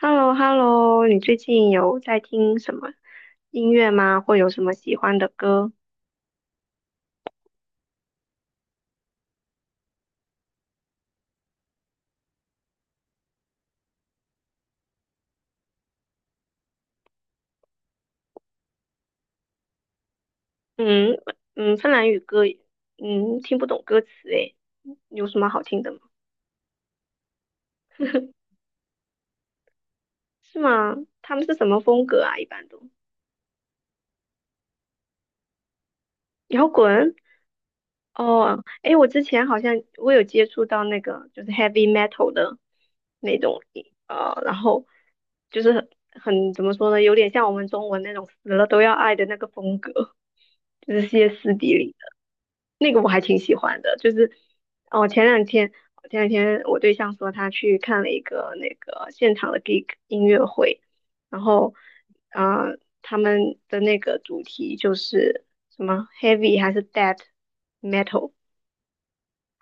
h e l l o h e l l o 你最近有在听什么音乐吗？或有什么喜欢的歌？嗯芬兰语歌，听不懂歌词诶，有什么好听的吗？是吗？他们是什么风格啊？一般都摇滚哦。诶，我之前好像有接触到那个就是 heavy metal 的那种，然后就是很怎么说呢，有点像我们中文那种死了都要爱的那个风格，就是歇斯底里。那个我还挺喜欢的，就是哦，前两天我对象说他去看了一个那个现场的 gig 音乐会，然后他们的那个主题就是什么 heavy 还是 death metal，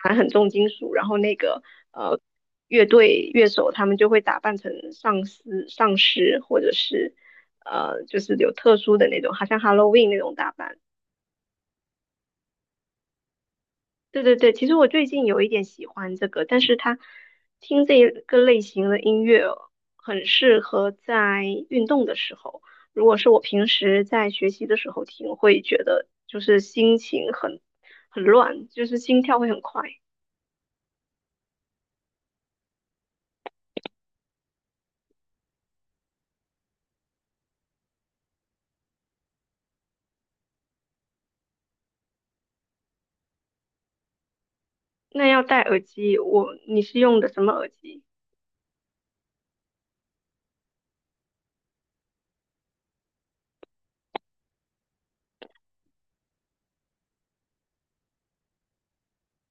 反正很重金属，然后那个呃乐队乐手他们就会打扮成丧尸或者是就是有特殊的那种，好像 Halloween 那种打扮。对对对，其实我最近有一点喜欢这个，但是它听这个类型的音乐很适合在运动的时候。如果是我平时在学习的时候听，会觉得就是心情很乱，就是心跳会很快。那要戴耳机，你是用的什么耳机？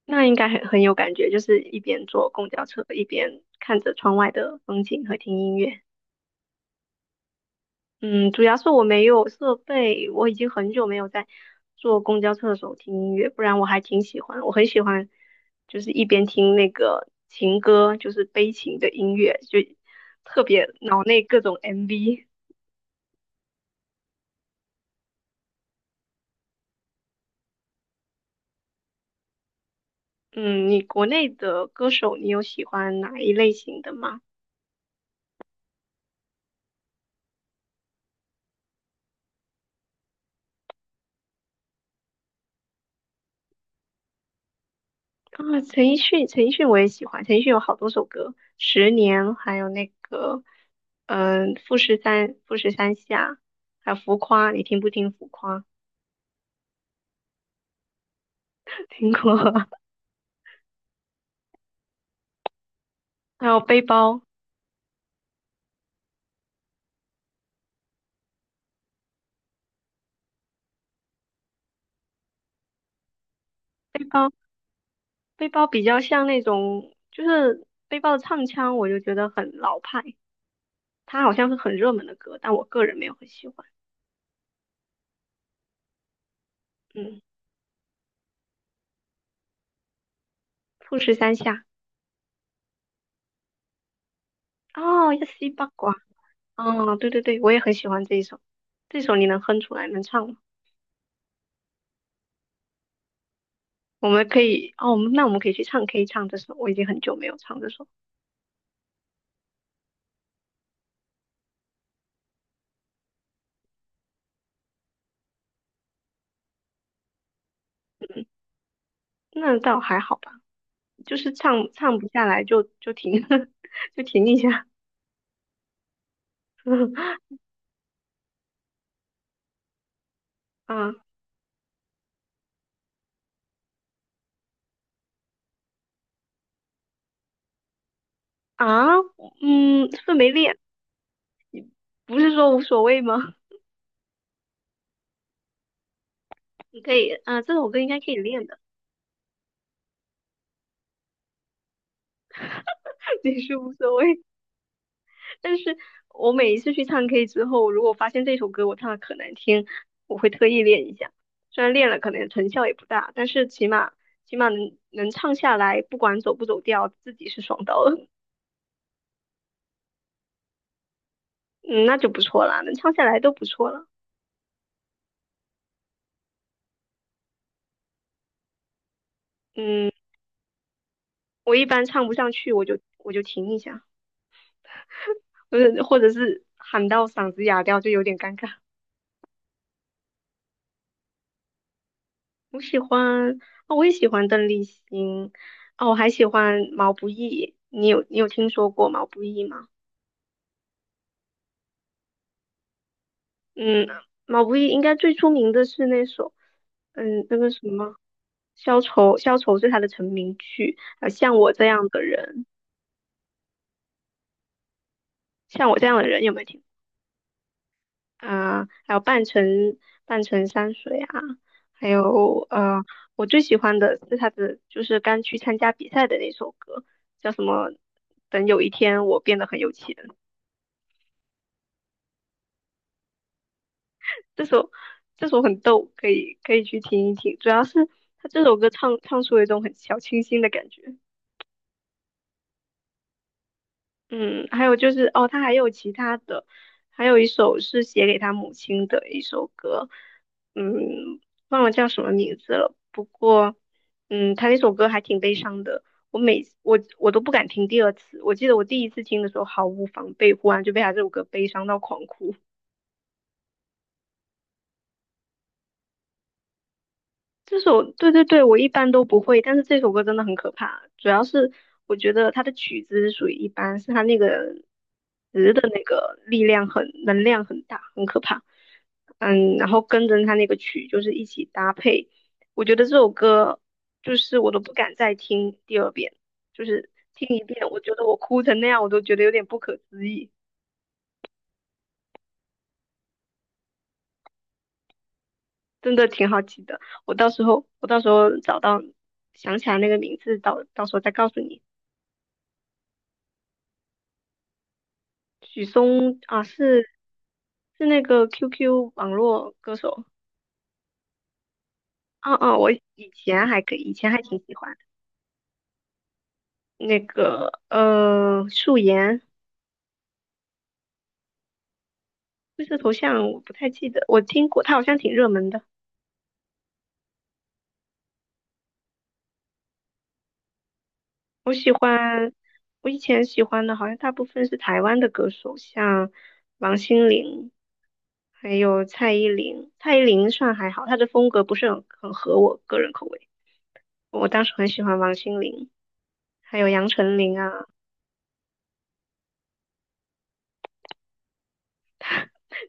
那应该很有感觉，就是一边坐公交车一边看着窗外的风景和听音乐。嗯，主要是我没有设备，我已经很久没有在坐公交车的时候听音乐，不然我还挺喜欢，我很喜欢，就是一边听那个情歌，就是悲情的音乐，就特别脑内各种 MV。嗯，你国内的歌手，你有喜欢哪一类型的吗？啊，陈奕迅，陈奕迅我也喜欢，陈奕迅有好多首歌，《十年》，还有那个，嗯、富士山，富士山下，还有浮夸，你听不听浮夸？听过。还有背包，背包比较像那种，就是背包的唱腔，我就觉得很老派。它好像是很热门的歌，但我个人没有很喜欢。嗯，富士山下，哦，一西八卦，哦，对对对，我也很喜欢这一首。这首你能哼出来，能唱吗？我们可以，哦，我们那可以去唱 K 唱这首，我已经很久没有唱这首，那倒还好吧，就是唱不下来就停，就停一下。啊啊,嗯，是不是没练？不是说无所谓吗？你可以，啊、这首歌应该可以练的，其实无所谓。但是我每一次去唱 K 之后，如果发现这首歌我唱的可难听，我会特意练一下。虽然练了可能成效也不大，但是起码能唱下来，不管走不走调，自己是爽到了，嗯，那就不错啦，能唱下来都不错了。嗯，我一般唱不上去，我就停一下，或者是喊到嗓子哑掉，就有点尴尬。我喜欢啊、我也喜欢邓丽欣啊、我还喜欢毛不易。你有听说过毛不易吗？嗯，毛不易应该最出名的是那首，嗯，那个什么《消愁》，《消愁》是他的成名曲。还有像我这样的人，像我这样的人有没有听？啊、还有半城山水啊，还有呃，我最喜欢的是他的就是刚去参加比赛的那首歌，叫什么？等有一天我变得很有钱。这首这首很逗，可以去听一听。主要是他这首歌唱出了一种很小清新的感觉。嗯，还有就是哦，他还有其他的，还有一首是写给他母亲的一首歌，嗯，忘了叫什么名字了。不过，嗯，他那首歌还挺悲伤的。我每我我都不敢听第二次。我记得我第一次听的时候毫无防备，忽然就被他这首歌悲伤到狂哭。这首，对对对，我一般都不会，但是这首歌真的很可怕。主要是我觉得它的曲子是属于一般，是它那个词的那个力量很，能量很大，很可怕。嗯，然后跟着它那个曲就是一起搭配，我觉得这首歌就是我都不敢再听第二遍，就是听一遍，我觉得我哭成那样，我都觉得有点不可思议。真的挺好奇的，我到时候找到想起来那个名字，到时候再告诉你。许嵩啊，是那个 QQ 网络歌手。我以前还可以，以前还挺喜欢那个素颜，灰色头像我不太记得，我听过，他好像挺热门的。我喜欢，我以前喜欢的好像大部分是台湾的歌手，像王心凌，还有蔡依林。蔡依林算还好，她的风格不是很合我个人口味。我当时很喜欢王心凌，还有杨丞琳啊。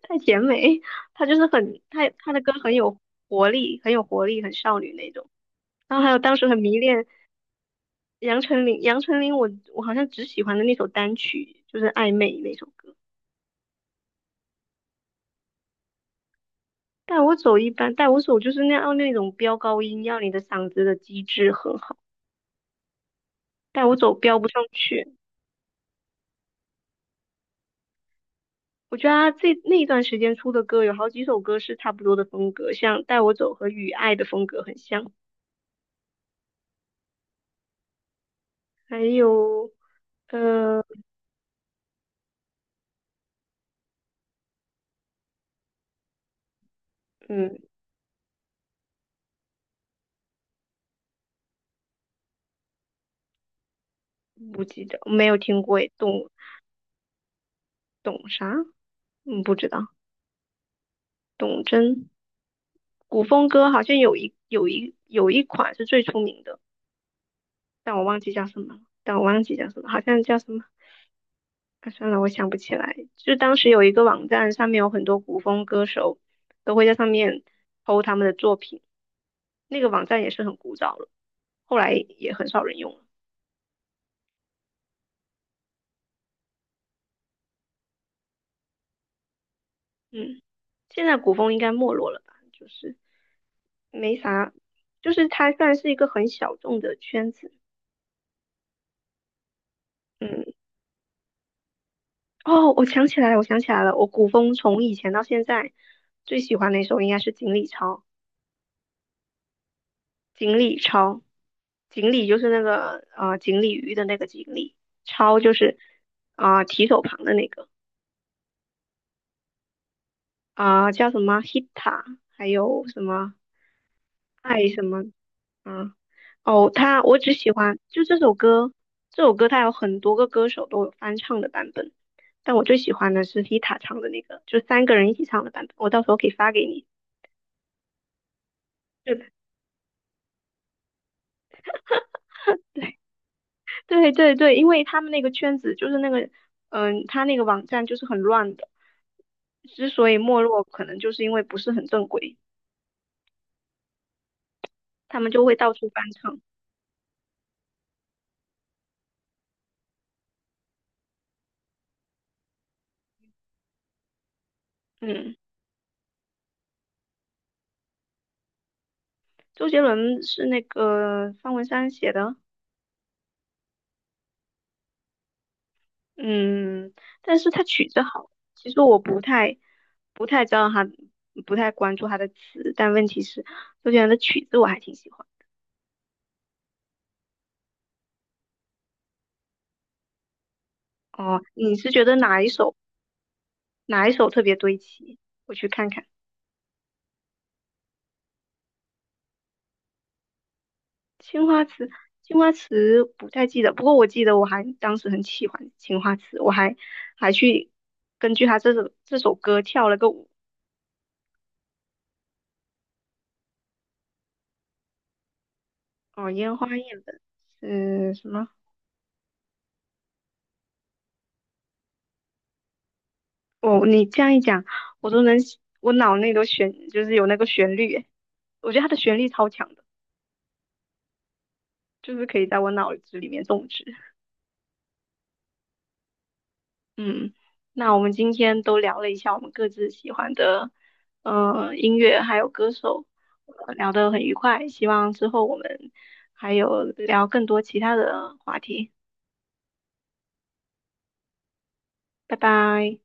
太甜美，她就是很，她的歌很有活力，很少女那种。然后还有当时很迷恋杨丞琳，杨丞琳我好像只喜欢的那首单曲就是《暧昧》那首歌。带我走一般，带我走就是那样那种飙高音，要你的嗓子的机制很好。带我走飙不上去，我觉得她这那一段时间出的歌有好几首歌是差不多的风格，像《带我走》和《雨爱》的风格很像，还有。呃，嗯，不记得，没有听过诶，董啥？嗯，不知道。董贞，古风歌好像有一款是最出名的，但我忘记叫什么了，但我忘记叫什么，好像叫什么。啊，算了，我想不起来。就当时有一个网站，上面有很多古风歌手都会在上面 p 他们的作品，那个网站也是很古早了，后来也很少人用了。嗯，现在古风应该没落了吧？就是没啥，就是它算是一个很小众的圈子。嗯。哦，我想起来了，我古风从以前到现在最喜欢的一首应该是《锦鲤抄》，锦鲤抄，锦鲤就是那个锦鲤鱼的那个锦鲤，抄就是啊、提手旁的那个啊、叫什么 Hita，还有什么爱什么啊？哦，他我只喜欢就这首歌，这首歌它有很多个歌手都有翻唱的版本，但我最喜欢的是 Hita 唱的那个，就三个人一起唱的版本，我到时候可以发给你。对对。对对对，因为他们那个圈子就是那个，嗯、他那个网站就是很乱的，之所以没落，可能就是因为不是很正规，他们就会到处翻唱。嗯，周杰伦是那个方文山写的，嗯，但是他曲子好，其实我不太知道他，不太关注他的词，但问题是周杰伦的曲子我还挺喜欢。哦，你是觉得哪一首特别堆砌？我去看看。青花瓷，青花瓷不太记得，不过我记得我还当时很喜欢青花瓷，我还去根据他这首歌跳了个舞，哦，烟花易冷是什么？哦，你这样一讲，我都能，我脑内都旋，就是有那个旋律，我觉得它的旋律超强的，就是可以在我脑子里面种植。嗯，那我们今天都聊了一下我们各自喜欢的，呃，音乐还有歌手，聊得很愉快。希望之后我们还有聊更多其他的话题。拜拜。